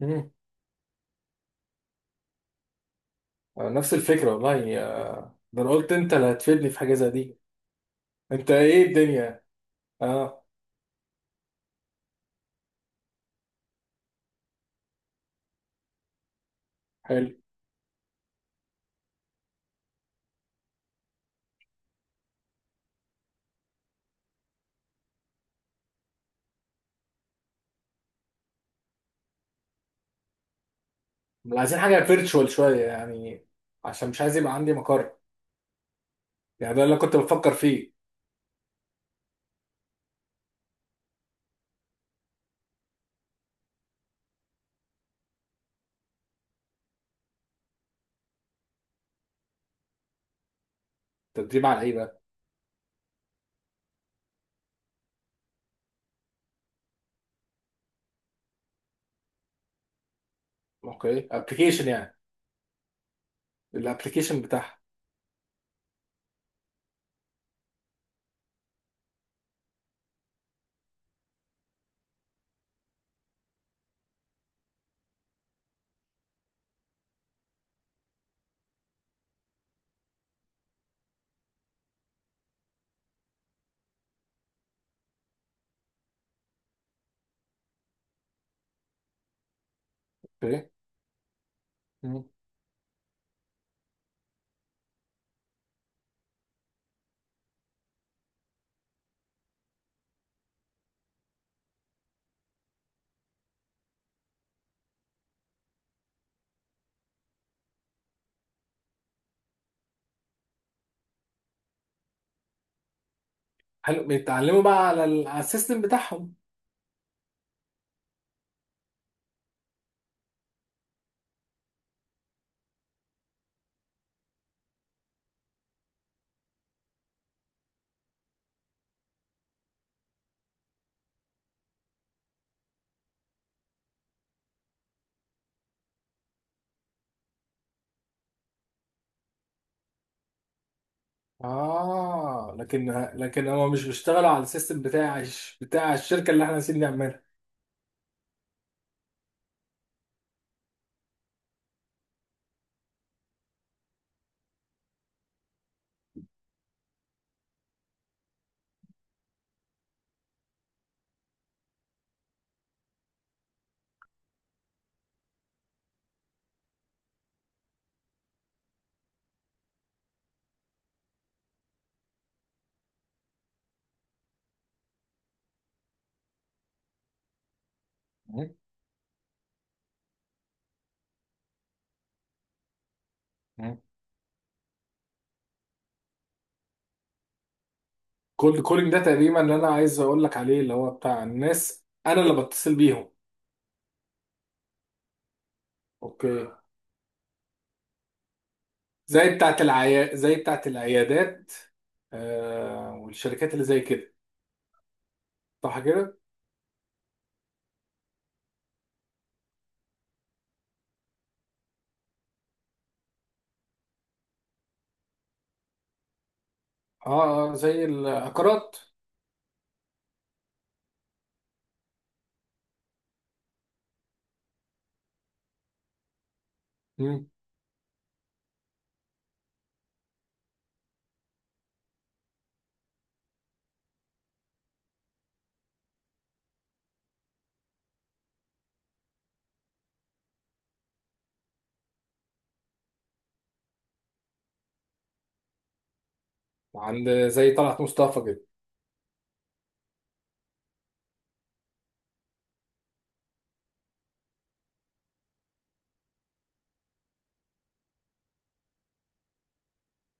مم. نفس الفكرة والله آه، ده انا قلت انت اللي هتفيدني في حاجة زي دي. انت ايه الدنيا؟ اه. حلو. عايزين حاجة فيرتشوال شوية يعني، عشان مش عايز يبقى عندي مقر. يعني ده اللي أنا كنت بفكر فيه. تدريب على ايه بقى؟ اوكي، ابلكيشن يعني؟ الابلكيشن بتاعها. اوكي. مم. حلو. بيتعلموا بقى على ال- على السيستم بتاعهم؟ اه، لكن هما مش بيشتغلوا على السيستم بتاع الش- بتاع الشركة اللي احنا عايزين نعملها. مم. كولد كولينج ده تقريبا اللي انا عايز اقول لك عليه، اللي هو بتاع الناس انا اللي بتصل بيهم. اوكي. زي بتاعت العيا زي بتاعت العيادات، آه، والشركات اللي زي كده، صح كده؟ اه اه، زي العقارات. مم. عند زي طلعت مصطفى كده.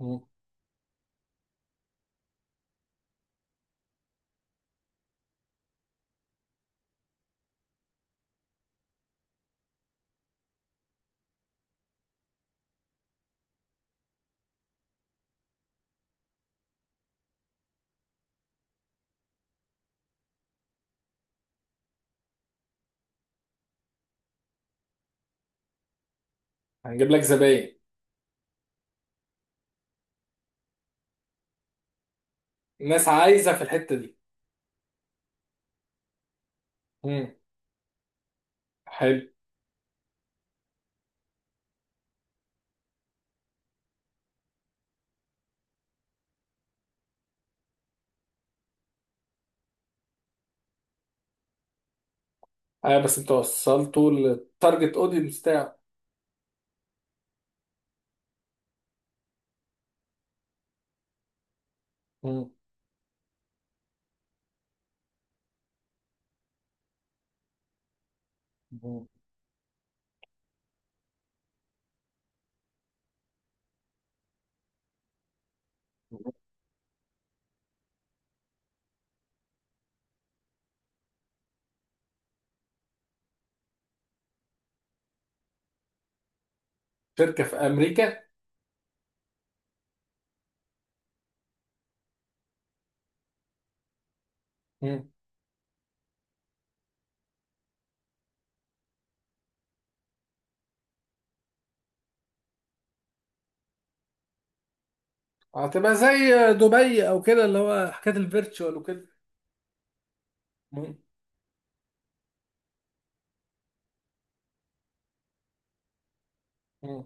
مم. هنجيب لك زباين. الناس عايزه في الحته دي. مم. حلو. اه بس انت وصلته للتارجت اودينس بتاعه. مم. مم. شركه في امريكا؟ هتبقى زي دبي او كده، اللي هو حكايه الفيرتشوال وكده. مم. مم.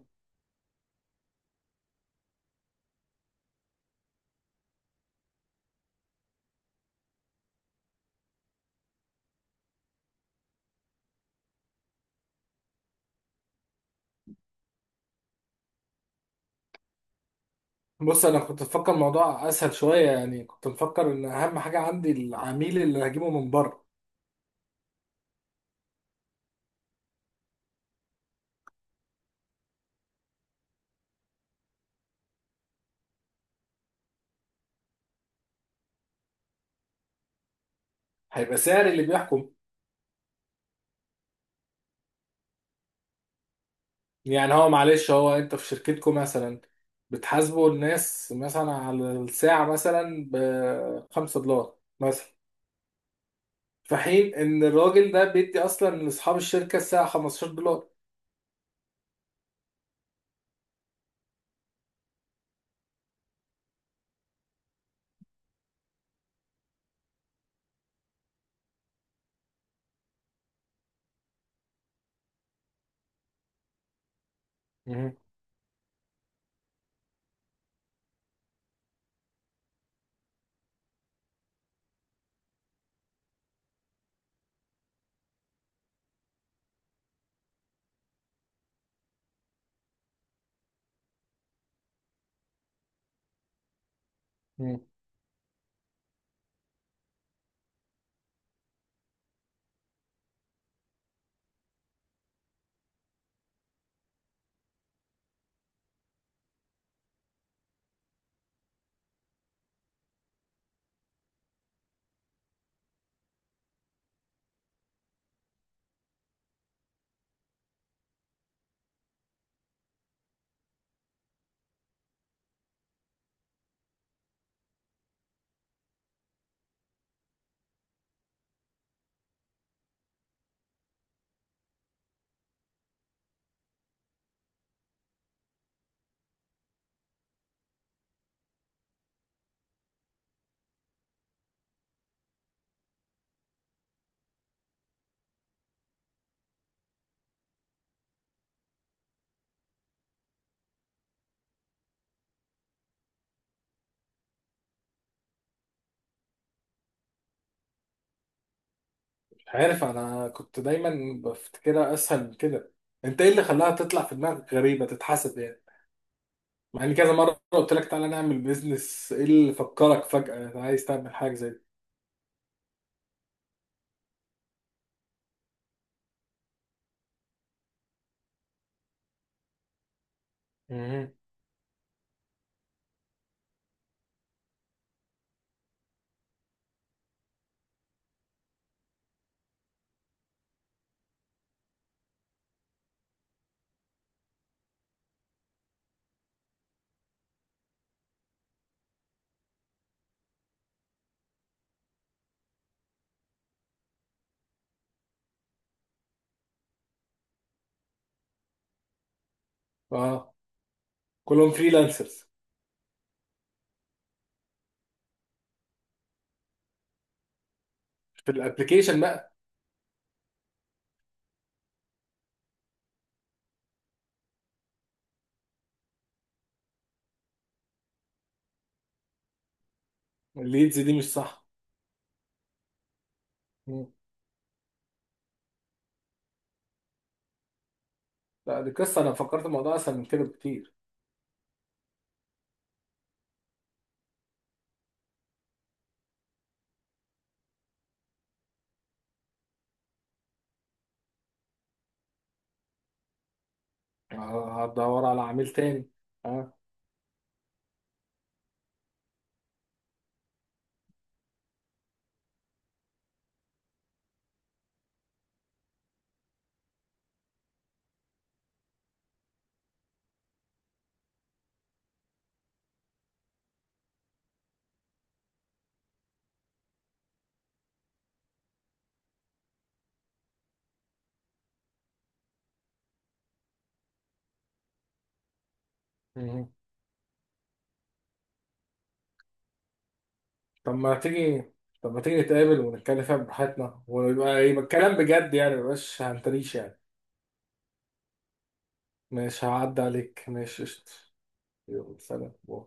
بص، انا كنت مفكر الموضوع اسهل شويه يعني، كنت مفكر ان اهم حاجه عندي العميل اللي هجيبه من بره. هيبقى سعر اللي بيحكم. يعني هو معلش، هو انت في شركتكم مثلا بتحاسبوا الناس مثلا على الساعه مثلا ب 5 دولار مثلا، في حين ان الراجل ده بيدي اصلا لاصحاب الشركه الساعه 15 دولار. مم. عارف، انا كنت دايما بفتكرها اسهل من كده. انت ايه اللي خلاها تطلع في دماغك غريبه تتحسب يعني؟ مع ان كذا مره قلت لك تعالى نعمل بيزنس، ايه اللي فكرك فجاه عايز تعمل حاجه زي دي؟ مهم. اه. كلهم فريلانسرز؟ في الابليكيشن بقى. الليدز دي مش صح؟ مم. لا، دي قصه، انا فكرت الموضوع اسهل من كده بكتير. آه، هدور على عميل تاني. اه. مهم. طب ما تيجي، طب ما تيجي نتقابل ونتكلم فيها براحتنا ويبقى يبقى الكلام بجد يعني، مبقاش هنتريش يعني. ماشي، هعدي عليك، ماشي قشطة. يلا سلام باي.